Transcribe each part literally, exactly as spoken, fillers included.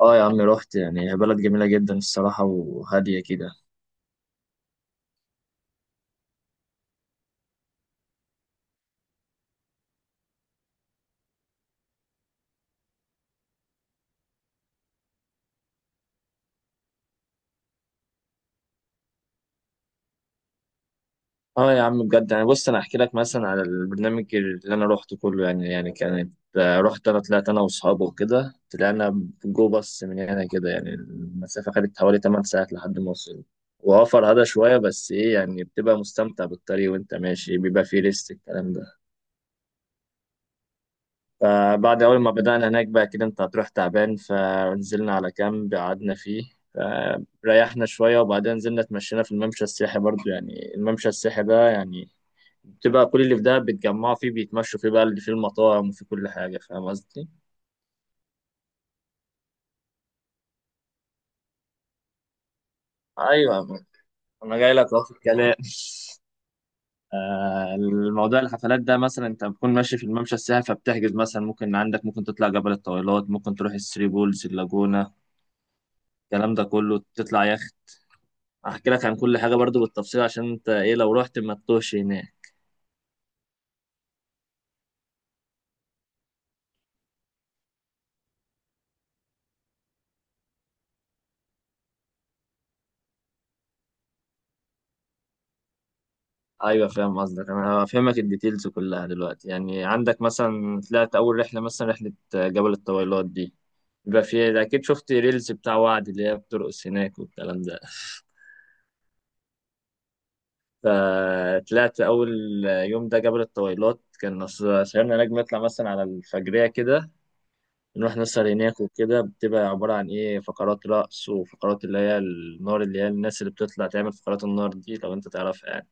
اه يا عم رحت يعني هي بلد جميلة جدا الصراحة وهادية كده. اه يا عم بجد يعني بص انا احكي لك مثلا على البرنامج اللي انا روحته كله يعني يعني كانت آه، رحت انا طلعت انا واصحابي وكده طلعنا جو باص من هنا كده يعني المسافة خدت حوالي 8 ساعات لحد ما وصلنا. واه فرهدة شوية بس ايه يعني بتبقى مستمتع بالطريق وانت ماشي بيبقى فيه ريست الكلام ده. فبعد أول ما بدأنا هناك بقى كده أنت هتروح تعبان فنزلنا على كامب قعدنا فيه. ريحنا شوية وبعدين نزلنا اتمشينا في الممشى السياحي برضو يعني الممشى السياحي ده يعني بتبقى كل اللي في ده بيتجمعوا فيه بيتمشوا فيه بقى اللي فيه المطاعم وفيه كل حاجة. فاهم قصدي؟ أيوة. أنا جاي لك أهو في الكلام آه، الموضوع الحفلات ده مثلا انت بتكون ماشي في الممشى السياحي فبتحجز مثلا ممكن عندك ممكن تطلع جبل الطويلات ممكن تروح الثري بولز اللاجونة الكلام ده كله تطلع يخت. احكي لك عن كل حاجه برضو بالتفصيل عشان انت ايه لو رحت ما تتوهش هناك. ايوه فاهم قصدك. انا هفهمك الديتيلز كلها دلوقتي يعني عندك مثلا طلعت اول رحله مثلا رحله جبل الطويلات دي بيبقى فيها اكيد شفت ريلز بتاع وعد اللي هي بترقص هناك والكلام ده. فطلعت اول يوم ده جبل الطويلات كان صغيرنا نجم نطلع مثلا على الفجريه كده بنروح نسهر هناك وكده بتبقى عبارة عن إيه فقرات رقص وفقرات اللي هي النار اللي هي الناس اللي بتطلع تعمل فقرات النار دي لو أنت تعرفها يعني.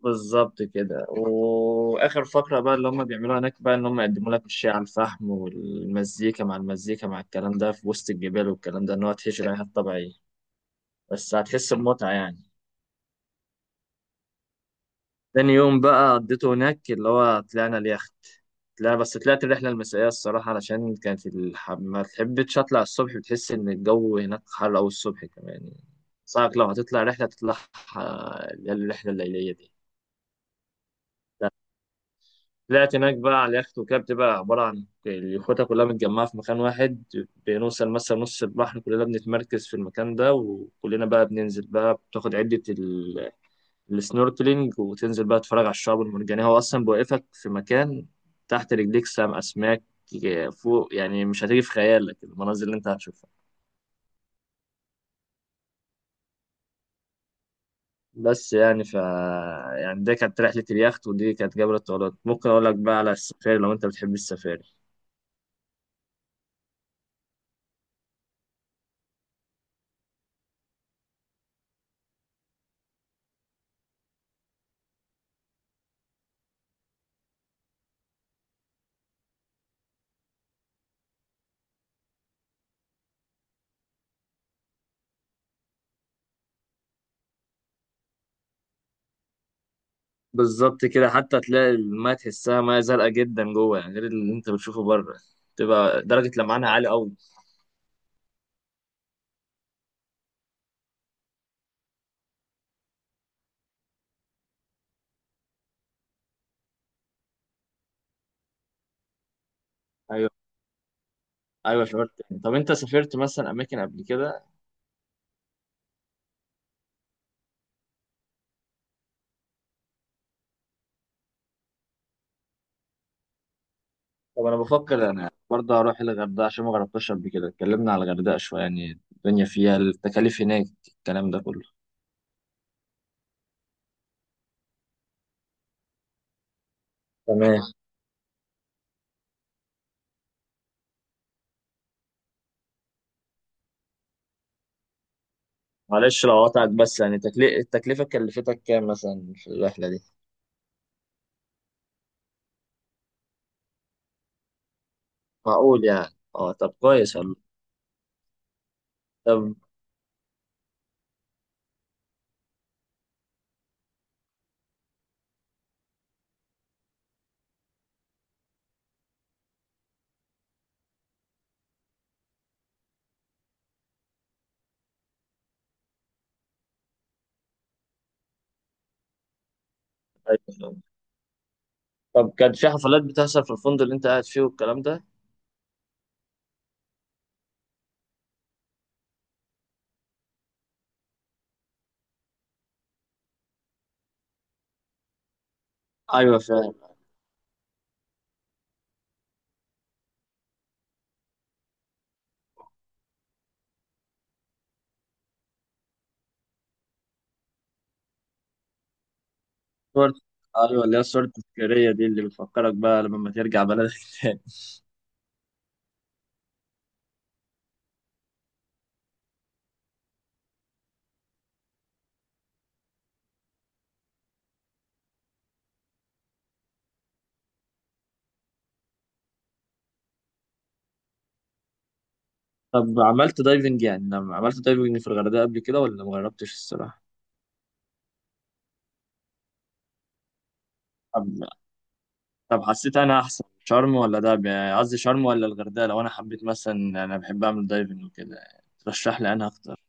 بالظبط كده وآخر فقرة بقى اللي هم بيعملوها هناك بقى إن هم يقدموا لك الشاي على الفحم والمزيكا مع المزيكا مع الكلام ده في وسط الجبال والكلام ده إن هو تهيش رحلة طبيعية بس هتحس بمتعة يعني. تاني يوم بقى قضيته هناك اللي هو طلعنا اليخت. لا بس طلعت الرحلة المسائية الصراحة علشان كانت الح... ما تحبش أطلع الصبح بتحس إن الجو هناك حر أوي الصبح كمان صعب لو هتطلع رحلة تطلع آه، اللي هي الرحلة الليلية دي. لا، طلعت هناك بقى على اليخت وكده بتبقى عبارة عن اليخوتة كلها متجمعة في مكان واحد. بنوصل مثلا نص البحر كلنا بنتمركز في المكان ده وكلنا بقى بننزل بقى بتاخد عدة ال... السنوركلينج وتنزل بقى تتفرج على الشعب المرجانية هو أصلا بيوقفك في مكان تحت رجليك سام أسماك فوق يعني مش هتيجي في خيالك المناظر اللي أنت هتشوفها. بس يعني ف يعني ده كانت رحلة اليخت ودي كانت جبل الطويلات ممكن أقول لك بقى على السفاري لو أنت بتحب السفاري. بالظبط كده حتى تلاقي الماء تحسها مياه زرقاء جدا جوه يعني غير اللي أنت بتشوفه بره. تبقى درجة لمعانها عالية أوي. أيوه. أيوه شعرت. طب أنت سافرت مثلا أماكن قبل كده؟ طب انا بفكر انا برضه اروح الغردقه عشان ما جربتهاش قبل كده. اتكلمنا على الغردقه شويه يعني الدنيا فيها التكاليف هناك الكلام ده كله. تمام. معلش لو قطعت بس يعني تكلي... التكلفه كلفتك كام مثلا في الرحله دي؟ معقول يعني اه. طب كويس والله. طب أيوة. طب كان في حفلات بتحصل في الفندق اللي انت قاعد فيه والكلام ده؟ ايوه فعلا. صور. ايوه اللي هي الصور التذكاريه دي اللي بتفكرك بقى لما ترجع بلدك تاني. طب عملت دايفنج يعني لما عملت دايفنج في الغردقه قبل كده ولا ما جربتش الصراحه؟ طب حسيت انا احسن شرم ولا دهب يعني قصدي شرم ولا الغردقه لو انا حبيت مثلا انا بحب اعمل دايفنج وكده ترشح لي انا اكتر؟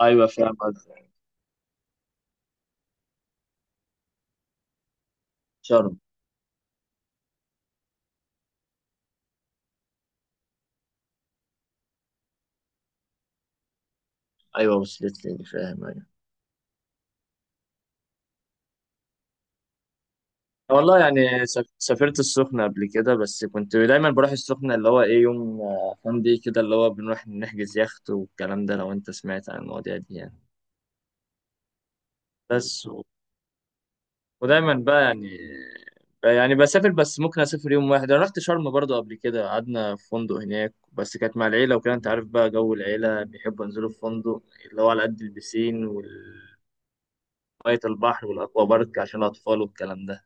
ايوه فاهم قصدك. شرم. ايوه وصلت لي فاهم ايوه. والله يعني سف- سافرت السخنة قبل كده بس كنت دايما بروح السخنة اللي هو ايه يوم آه، فان دي كده اللي هو بنروح نحجز يخت والكلام ده لو انت سمعت عن المواضيع دي يعني. بس ودايما بقى يعني يعني بسافر بس ممكن اسافر يوم واحد. انا رحت شرم برضو قبل كده قعدنا في فندق هناك بس كانت مع العيله وكده انت عارف بقى جو العيله بيحبوا ينزلوا في فندق اللي هو على قد البسين وميه البحر والاكوا بارك عشان الاطفال والكلام ده.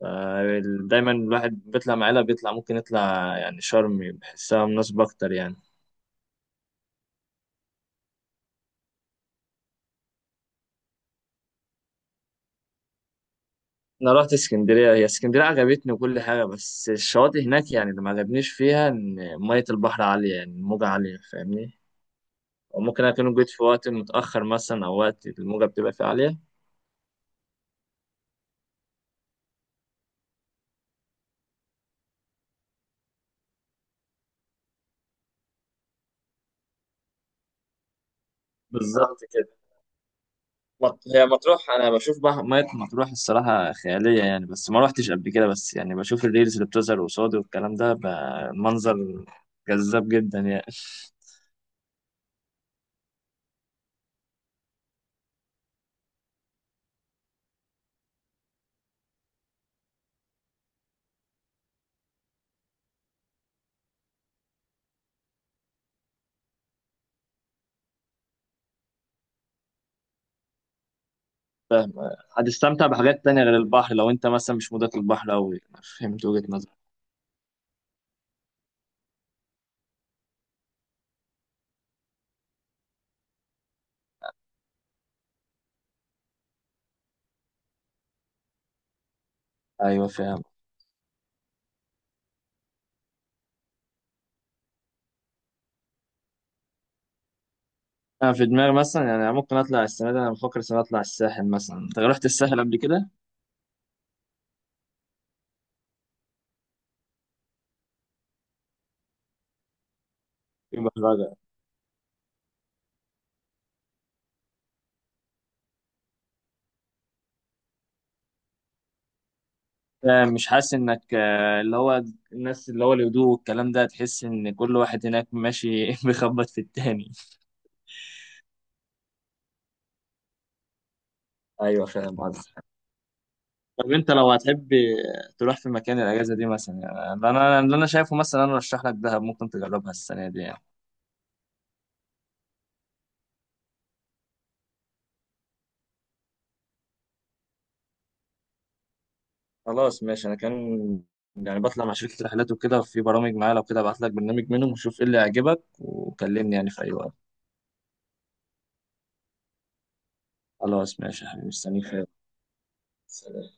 ف- دايما الواحد بيطلع مع العيله بيطلع ممكن يطلع يعني شرم بحسها مناسبه اكتر يعني. انا رحت اسكندريه هي اسكندريه عجبتني وكل حاجه بس الشواطئ هناك يعني اللي ما عجبنيش فيها ان ميه البحر عاليه يعني الموجه عاليه فاهمني. وممكن أكون جيت في وقت متأخر مثلا أو وقت الموجة بتبقى فيه عالية. بالظبط كده. مط- هي مطروح أنا بشوف بقى مية مطروح الصراحة خيالية يعني بس ما روحتش قبل كده بس يعني بشوف الريلز اللي بتظهر قصادي والكلام ده بقى منظر جذاب جدا يعني. هتستمتع بحاجات تانية غير البحر لو أنت مثلا مش مودك البحر أوي. فهمت وجهة نظري؟ أيوه فاهم. أنا في دماغي مثلا يعني ممكن أطلع السنة دي. أنا بفكر السنة دي أطلع الساحل مثلا. أنت رحت الساحل قبل كده؟ يبقى مش حاسس انك آه، اللي هو الناس اللي هو الهدوء والكلام ده تحس ان كل واحد هناك ماشي بيخبط في التاني. ايوه فاهم قصدك. طب انت لو هتحب تروح في مكان الاجازه دي مثلا يعني اللي انا اللي انا شايفه مثلا انا ارشح لك دهب ممكن تجربها السنه دي يعني. خلاص ماشي. انا كان يعني بطلع مع شركه رحلات وكده في برامج معايا لو كده ابعت لك برنامج منهم وشوف ايه اللي يعجبك وكلمني يعني في اي وقت. خلاص ماشي يا حبيبي مستنيك في أي وقت. سلام.